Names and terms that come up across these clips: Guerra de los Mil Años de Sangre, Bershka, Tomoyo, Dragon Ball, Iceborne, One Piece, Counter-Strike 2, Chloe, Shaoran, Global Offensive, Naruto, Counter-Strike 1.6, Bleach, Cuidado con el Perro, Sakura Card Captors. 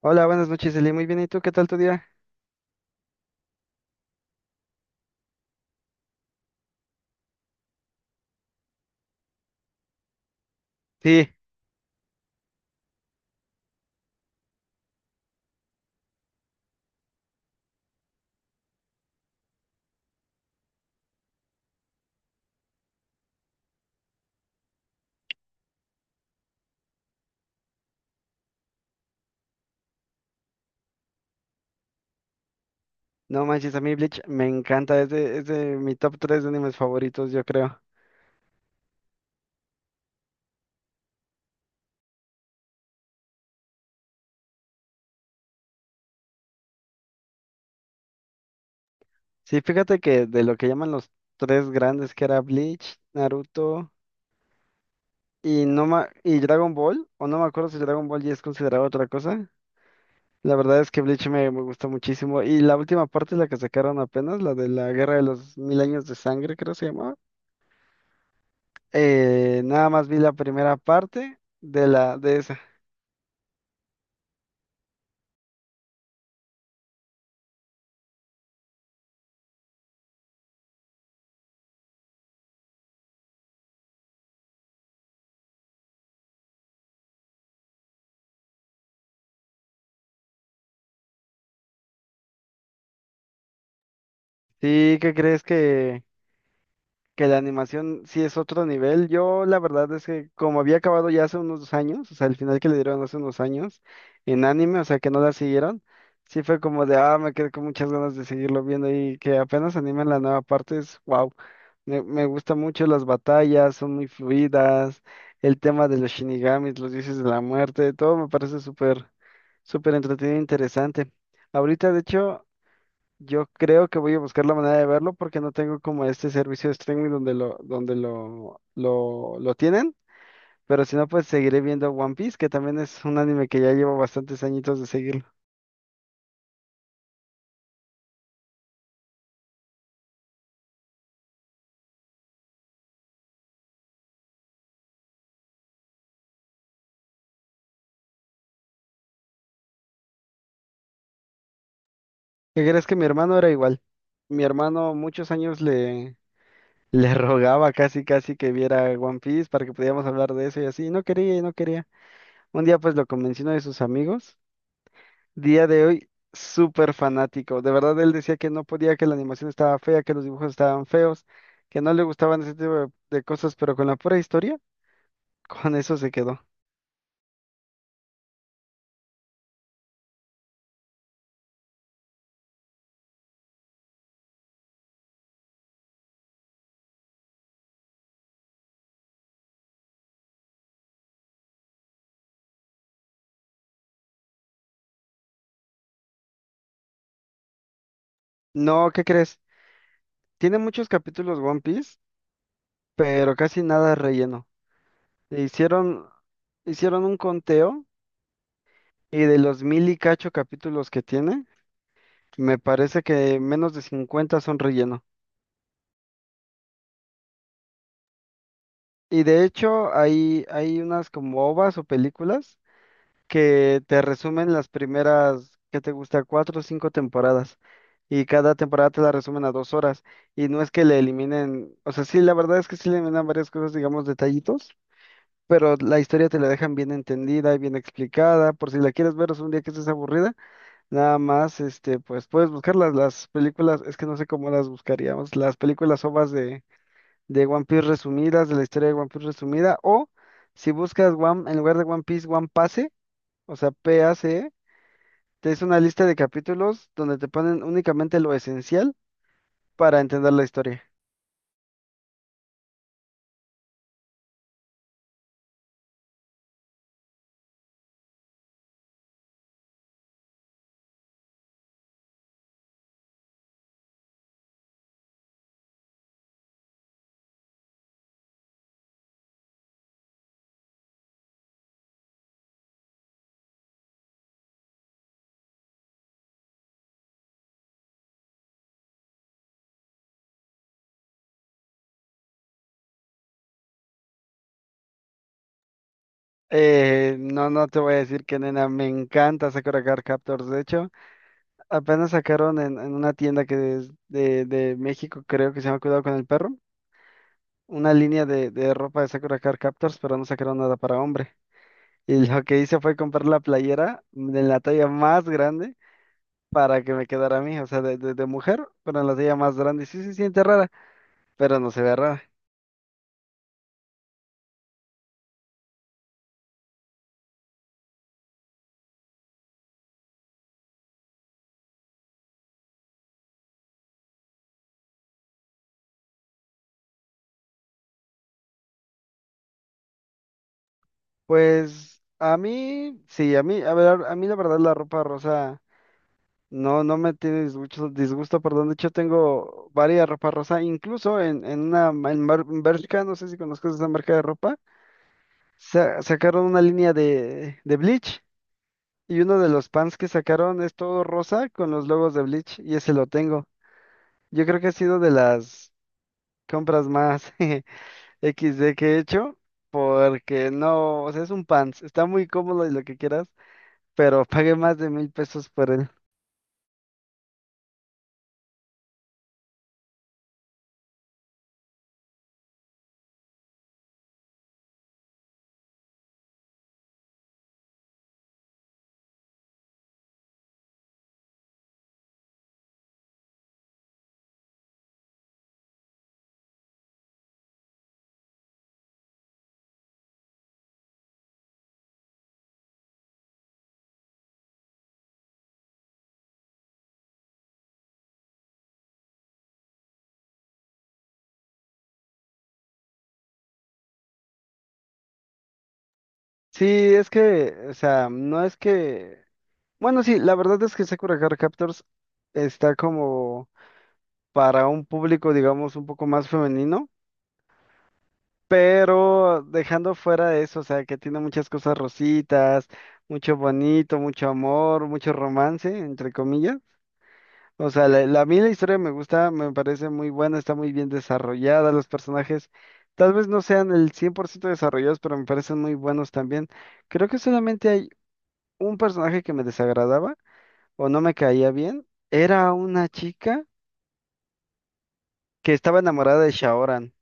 Hola, buenas noches, Eli. Muy bien, ¿y tú? ¿Qué tal tu día? Sí, no manches, a mí Bleach me encanta. Es de mi top 3 de animes favoritos, yo creo. Sí, fíjate que de lo que llaman los tres grandes, que era Bleach, Naruto y, no ma- y Dragon Ball, o no me acuerdo si Dragon Ball ya es considerado otra cosa. La verdad es que Bleach me gusta muchísimo. Y la última parte, la que sacaron apenas, la de la Guerra de los Mil Años de Sangre, creo se llamaba. Nada más vi la primera parte de la de esa. Sí, ¿qué crees que...? Que la animación sí es otro nivel. Yo la verdad es que como había acabado ya hace unos años, o sea, el final que le dieron hace unos años en anime, o sea, que no la siguieron, sí fue como de, ah, me quedé con muchas ganas de seguirlo viendo y que apenas animen la nueva parte es, wow, me gusta mucho las batallas, son muy fluidas, el tema de los shinigamis, los dioses de la muerte, todo me parece súper, súper entretenido e interesante. Ahorita, de hecho... Yo creo que voy a buscar la manera de verlo porque no tengo como este servicio de streaming donde lo tienen. Pero si no, pues seguiré viendo One Piece, que también es un anime que ya llevo bastantes añitos de seguirlo. ¿Qué crees que mi hermano era igual? Mi hermano muchos años le rogaba casi casi que viera One Piece para que pudiéramos hablar de eso y así. Y no quería y no quería. Un día pues lo convenció uno de sus amigos. Día de hoy, súper fanático. De verdad, él decía que no podía, que la animación estaba fea, que los dibujos estaban feos, que no le gustaban ese tipo de cosas, pero con la pura historia, con eso se quedó. No, ¿qué crees? Tiene muchos capítulos One Piece, pero casi nada relleno. E hicieron un conteo y de los mil y cacho capítulos que tiene, me parece que menos de 50 son relleno. Y de hecho, hay unas como ovas o películas que te resumen las primeras, ¿qué te gusta? Cuatro o cinco temporadas. Y cada temporada te la resumen a 2 horas. Y no es que le eliminen, o sea, sí, la verdad es que sí le eliminan varias cosas, digamos, detallitos, pero la historia te la dejan bien entendida y bien explicada. Por si la quieres ver, es un día que estés aburrida, nada más, este, pues puedes buscarlas, las películas, es que no sé cómo las buscaríamos, las películas OVAs de One Piece resumidas, de la historia de One Piece resumida, o si buscas One, en lugar de One Piece, One Pase, o sea, P A PACE que es una lista de capítulos donde te ponen únicamente lo esencial para entender la historia. No, no te voy a decir que nena, me encanta Sakura Card Captors. De hecho, apenas sacaron en una tienda que es de México, creo que se llama Cuidado con el Perro, una línea de ropa de Sakura Card Captors, pero no sacaron nada para hombre. Y lo que hice fue comprar la playera de la talla más grande para que me quedara a mí, o sea, de mujer, pero en la talla más grande. Sí se siente rara, pero no se ve rara. Pues a mí, sí, a mí, a ver, a mí la verdad la ropa rosa no, no me tiene disgusto, disgusto, perdón, de hecho tengo varias ropa rosa, incluso en una, en, en Bershka, no sé si conozcas esa marca de ropa, sacaron una línea de Bleach y uno de los pants que sacaron es todo rosa con los logos de Bleach y ese lo tengo. Yo creo que ha sido de las compras más equis de que he hecho porque no, o sea, es un pants, está muy cómodo y lo que quieras, pero pagué más de 1.000 pesos por él. Sí, es que, o sea, no es que... Bueno, sí, la verdad es que Sakura Card Captors está como para un público, digamos, un poco más femenino, pero dejando fuera eso, o sea, que tiene muchas cosas rositas, mucho bonito, mucho amor, mucho romance, entre comillas. O sea, a mí la historia me gusta, me parece muy buena, está muy bien desarrollada, los personajes tal vez no sean el 100% desarrollados, pero me parecen muy buenos también. Creo que solamente hay un personaje que me desagradaba o no me caía bien, era una chica que estaba enamorada de Shaoran.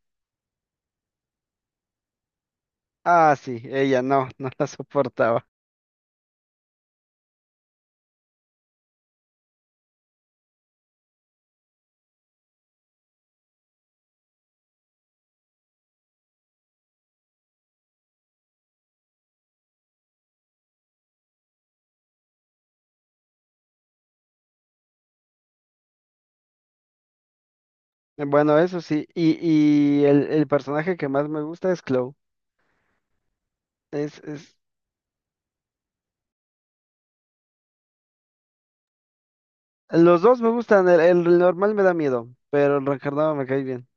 Ah, sí, ella no, no la soportaba. Bueno, eso sí, y, el personaje que más me gusta es Chloe. Es, es, los dos me gustan, el normal me da miedo, pero el reencarnado me cae bien.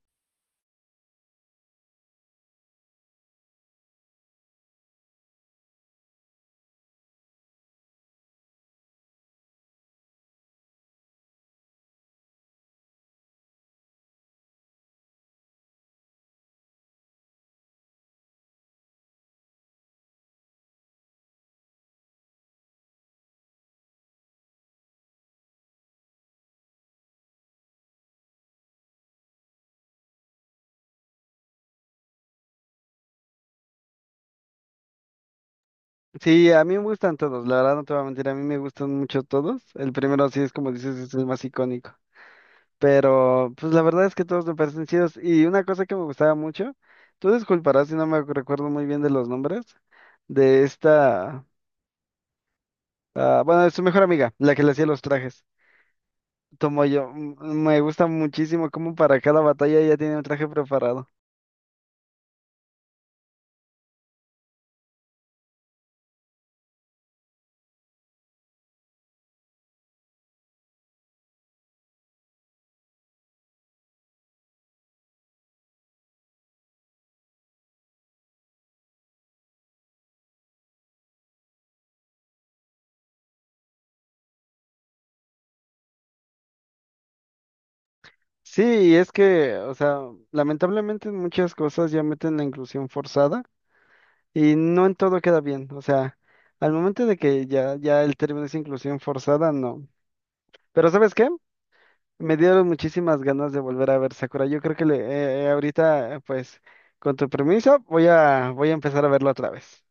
Sí, a mí me gustan todos, la verdad no te voy a mentir, a mí me gustan mucho todos. El primero sí es como dices, es el más icónico. Pero pues la verdad es que todos me parecen chidos. Y una cosa que me gustaba mucho, tú disculparás si no me recuerdo muy bien de los nombres, de esta, ah, bueno, de su mejor amiga, la que le hacía los trajes. Tomoyo, me gusta muchísimo cómo para cada batalla ella tiene un traje preparado. Sí, y es que, o sea, lamentablemente en muchas cosas ya meten la inclusión forzada. Y no en todo queda bien, o sea, al momento de que ya, ya el término es inclusión forzada, no. Pero ¿sabes qué? Me dieron muchísimas ganas de volver a ver Sakura. Yo creo que ahorita, pues, con tu permiso, voy a empezar a verlo otra vez.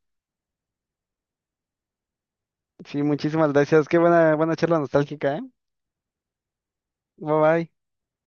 Sí, muchísimas gracias. Qué buena, buena charla nostálgica, ¿eh? Bye bye.